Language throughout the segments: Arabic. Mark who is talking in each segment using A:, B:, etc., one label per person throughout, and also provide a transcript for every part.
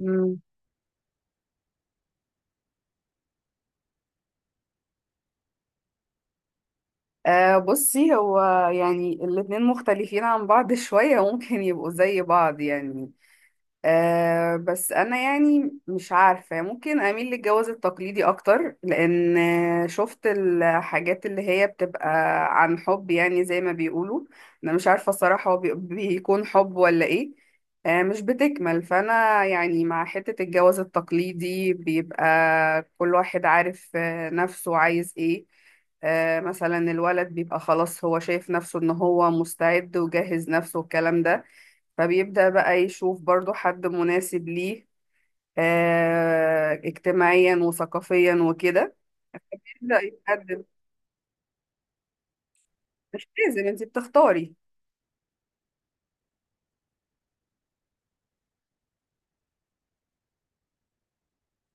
A: مم. بصي هو، يعني الاتنين مختلفين عن بعض شوية ممكن يبقوا زي بعض يعني. بس انا يعني مش عارفة، ممكن اميل للجواز التقليدي اكتر لان شفت الحاجات اللي هي بتبقى عن حب يعني زي ما بيقولوا. انا مش عارفة الصراحة، هو بيكون حب ولا ايه. مش بتكمل، فانا يعني مع حتة الجواز التقليدي بيبقى كل واحد عارف نفسه عايز ايه. مثلا الولد بيبقى خلاص هو شايف نفسه ان هو مستعد وجهز نفسه والكلام ده. فبيبدأ بقى يشوف برضو حد مناسب ليه اجتماعيا وثقافيا وكده، يبدأ يتقدم. مش لازم انت بتختاري.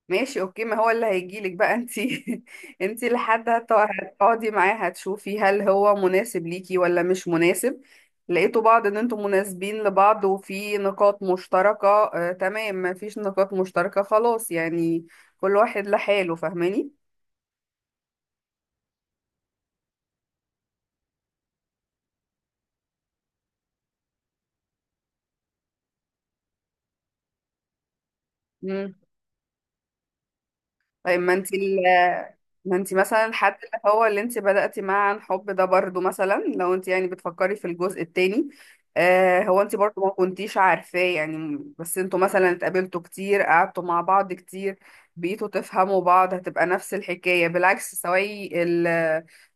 A: ماشي اوكي، ما هو اللي هيجيلك بقى انت. انت لحد هتقعدي معاه هتشوفي هل هو مناسب ليكي ولا مش مناسب. لقيتوا بعض ان انتم مناسبين لبعض وفي نقاط مشتركة تمام. ما فيش نقاط مشتركة خلاص، يعني كل واحد لحاله. فاهماني؟ طيب ما انت ما انت مثلا الحد اللي هو اللي انت بدأتي معاه عن حب ده، برضو مثلا لو انت يعني بتفكري في الجزء التاني. هو انت برضو ما كنتيش عارفاه يعني، بس انتوا مثلا اتقابلتوا كتير قعدتوا مع بعض كتير بقيتوا تفهموا بعض. هتبقى نفس الحكاية بالعكس، سواء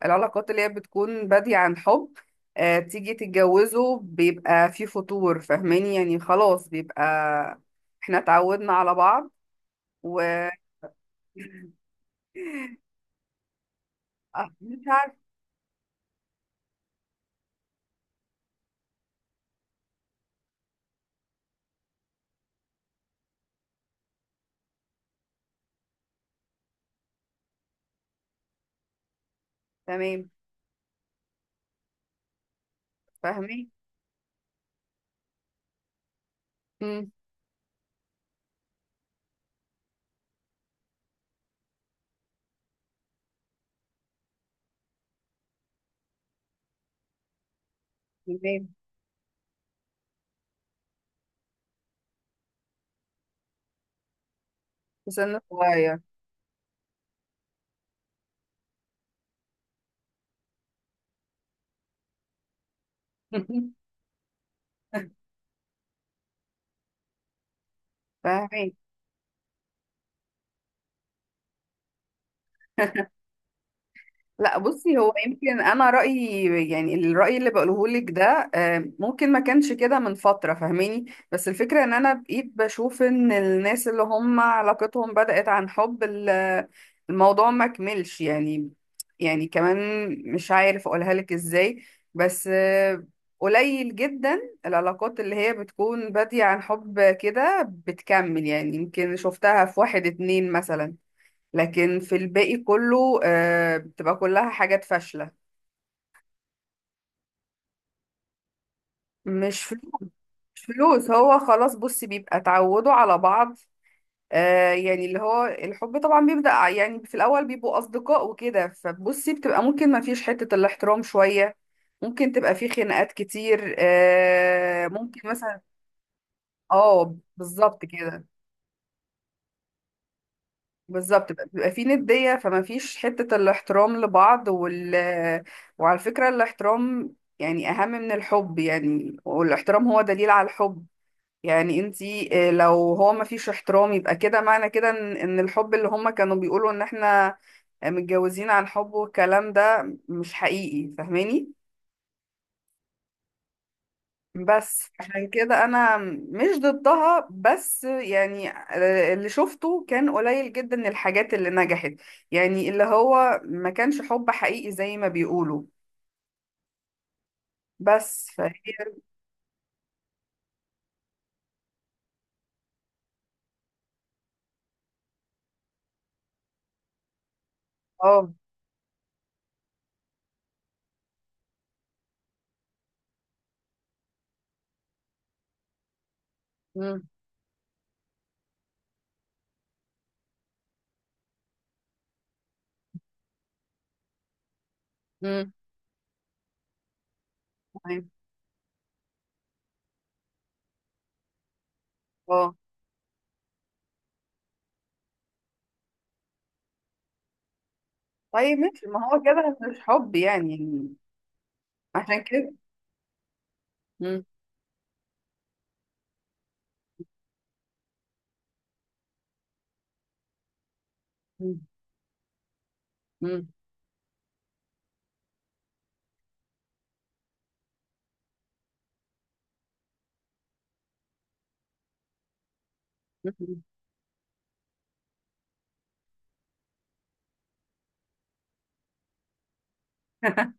A: العلاقات اللي هي بتكون بادية عن حب تيجي تتجوزوا بيبقى في فتور. فاهماني يعني؟ خلاص بيبقى احنا اتعودنا على بعض و آه، مش عارفة. تمام. فاهمين. مم. تمام. لسن صغير. فاهمين. لا بصي هو، يمكن انا رايي يعني الراي اللي بقوله لك ده ممكن ما كانش كده من فتره. فاهماني؟ بس الفكره ان انا بقيت بشوف ان الناس اللي هم علاقتهم بدات عن حب الموضوع ما كملش يعني. يعني كمان مش عارف اقولها لك ازاي، بس قليل جدا العلاقات اللي هي بتكون بادية عن حب كده بتكمل. يعني يمكن شفتها في واحد اتنين مثلا، لكن في الباقي كله بتبقى كلها حاجات فاشلة. مش فلوس. مش فلوس، هو خلاص بصي بيبقى اتعودوا على بعض. يعني اللي هو الحب طبعا بيبدأ يعني في الأول بيبقوا أصدقاء وكده، فبصي بتبقى ممكن ما فيش حتة الاحترام شوية. ممكن تبقى في خناقات كتير، ممكن مثلا. اه بالظبط كده. بالظبط، بيبقى في ندية فما فيش حتة الاحترام لبعض وعلى فكرة الاحترام يعني أهم من الحب، يعني والاحترام هو دليل على الحب. يعني انتي، لو هو ما فيش احترام يبقى كده، معنى كده ان إن الحب اللي هما كانوا بيقولوا ان احنا متجوزين عن حب والكلام ده مش حقيقي. فاهماني؟ بس عشان كده انا مش ضدها، بس يعني اللي شفته كان قليل جدا الحاجات اللي نجحت، يعني اللي هو ما كانش حب حقيقي زي ما بيقولوا. بس فهي. اه. امم. امم. تمام. اه. طيب ماشي، ما هو كده مش حب يعني عشان كده. امم. امم. امم.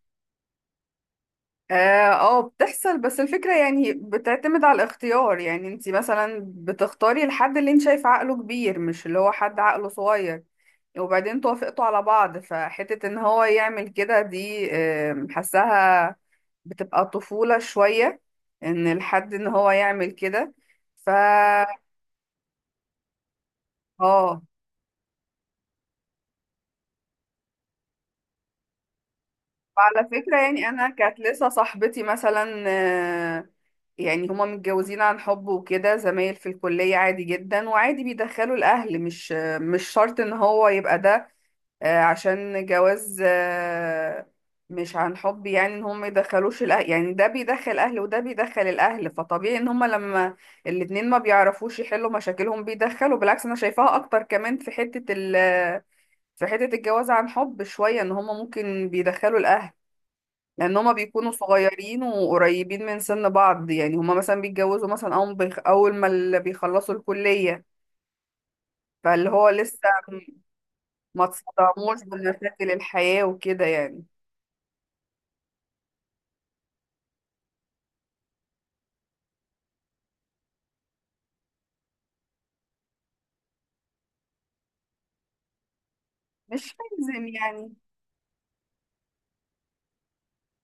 A: اه، بتحصل، بس الفكرة يعني بتعتمد على الاختيار، يعني انت مثلا بتختاري الحد اللي انت شايف عقله كبير مش اللي هو حد عقله صغير. وبعدين توافقتوا على بعض، فحتة ان هو يعمل كده دي حاساها بتبقى طفولة شوية، ان الحد ان هو يعمل كده. ف. اه. وعلى فكرة يعني أنا كانت لسه صاحبتي مثلا، آه، يعني هما متجوزين عن حب وكده زمايل في الكلية عادي جدا، وعادي بيدخلوا الأهل. مش مش شرط إن هو يبقى ده عشان جواز مش عن حب، يعني إن هما يدخلوش الأهل. يعني ده بيدخل أهل وده بيدخل الأهل، فطبيعي إن هما لما الاتنين ما بيعرفوش يحلوا مشاكلهم بيدخلوا. بالعكس أنا شايفاها أكتر كمان في حتة في حتة الجواز عن حب شوية إن هما ممكن بيدخلوا الأهل، لان هما بيكونوا صغيرين وقريبين من سن بعض. يعني هما مثلا بيتجوزوا مثلا اول اول ما اللي بيخلصوا الكلية، فاللي هو لسه ما تصدموش بمشاكل الحياة وكده يعني. مش لازم يعني،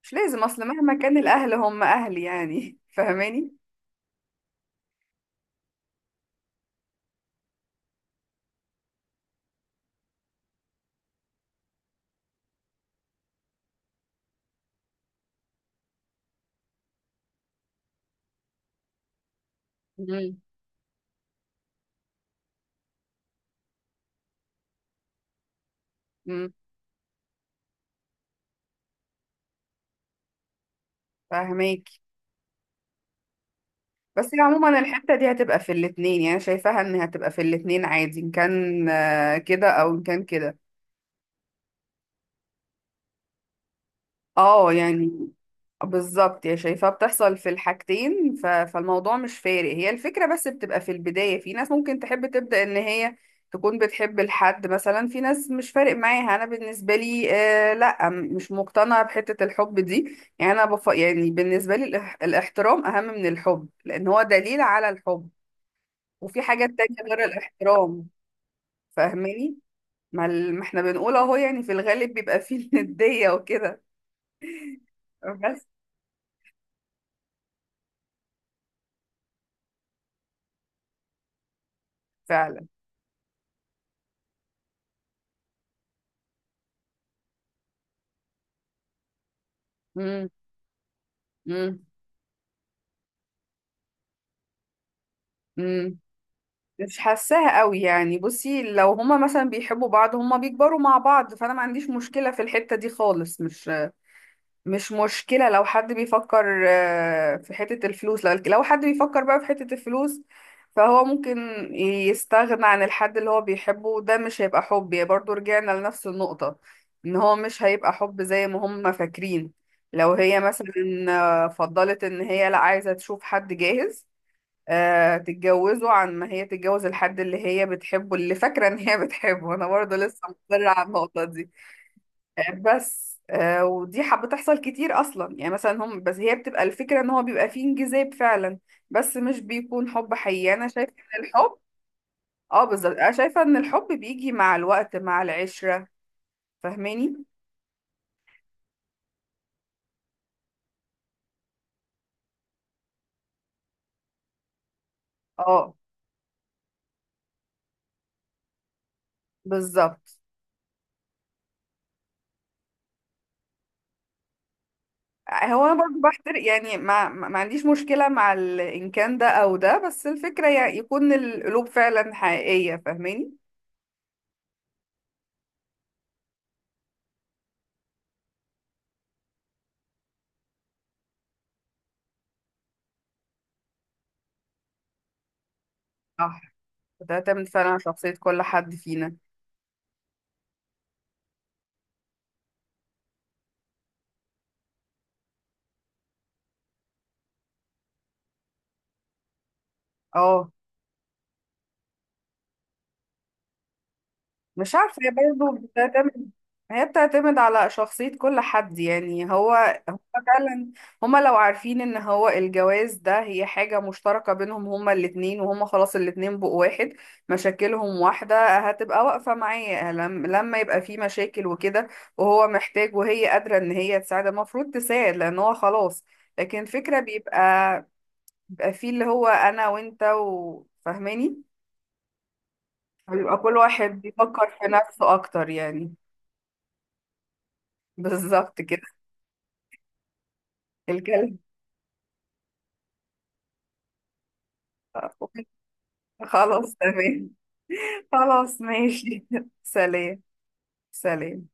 A: مش لازم، اصل مهما كان الاهل هم اهل يعني. فاهماني. امم. امم. فاهماكي. بس هي عموما الحتة دي هتبقى في الاتنين، يعني أنا شايفاها ان هتبقى في الاتنين عادي، ان كان كده او ان كان كده. اه يعني بالظبط، يا شايفاه بتحصل في الحاجتين، فالموضوع مش فارق. هي الفكرة بس بتبقى في البداية، في ناس ممكن تحب تبدأ ان هي تكون بتحب الحد مثلا، في ناس مش فارق معاها. انا بالنسبة لي لا، مش مقتنعة بحتة الحب دي يعني، انا يعني بالنسبة لي الاحترام اهم من الحب لان هو دليل على الحب. وفي حاجات تانية غير الاحترام. فاهماني؟ ما, ما احنا بنقول اهو، يعني في الغالب بيبقى فيه الندية وكده. بس. فعلا. مم. مم. مم. مش حاساها قوي، يعني بصي لو هما مثلا بيحبوا بعض هما بيكبروا مع بعض فانا ما عنديش مشكلة في الحتة دي خالص. مش مشكلة لو حد بيفكر في حتة الفلوس. لو حد بيفكر بقى في حتة الفلوس فهو ممكن يستغنى عن الحد اللي هو بيحبه، وده مش هيبقى حب يعني. برضو رجعنا لنفس النقطة، ان هو مش هيبقى حب زي ما هما فاكرين. لو هي مثلا فضلت ان هي لا عايزة تشوف حد جاهز، تتجوزه عن ما هي تتجوز الحد اللي هي بتحبه، اللي فاكرة ان هي بتحبه. انا برضه لسه مصرة على النقطة دي، بس ودي حب بتحصل كتير اصلا، يعني مثلا هم بس هي بتبقى الفكرة ان هو بيبقى فيه انجذاب فعلا، بس مش بيكون حب حقيقي، انا شايفة ان الحب. اه بالظبط، انا شايفة ان الحب بيجي مع الوقت مع العشرة. فاهماني؟ اه بالظبط. هو انا برضه بحترق يعني، ما عنديش مشكلة مع ان كان ده او ده. بس الفكرة يعني يكون القلوب فعلا حقيقية. فاهماني؟ صح. وتعتمد فعلا على شخصية كل حد فينا. اه، مش عارفة هي برضه بتعتمد، هي بتعتمد على شخصية كل حد يعني. هو فعلا. هما لو عارفين ان هو الجواز ده هي حاجة مشتركة بينهم هما الاتنين، وهما خلاص الاتنين بقوا واحد، مشاكلهم واحدة، هتبقى واقفة معاه لما يبقى في مشاكل وكده. وهو محتاج وهي قادرة ان هي تساعد، المفروض تساعد لان هو خلاص. لكن فكرة بيبقى فيه اللي هو انا وانت، وفاهماني بيبقى كل واحد بيفكر في نفسه اكتر يعني. بالظبط كده. الكلب. خلاص تمام. خلاص ماشي. سلام. سلام.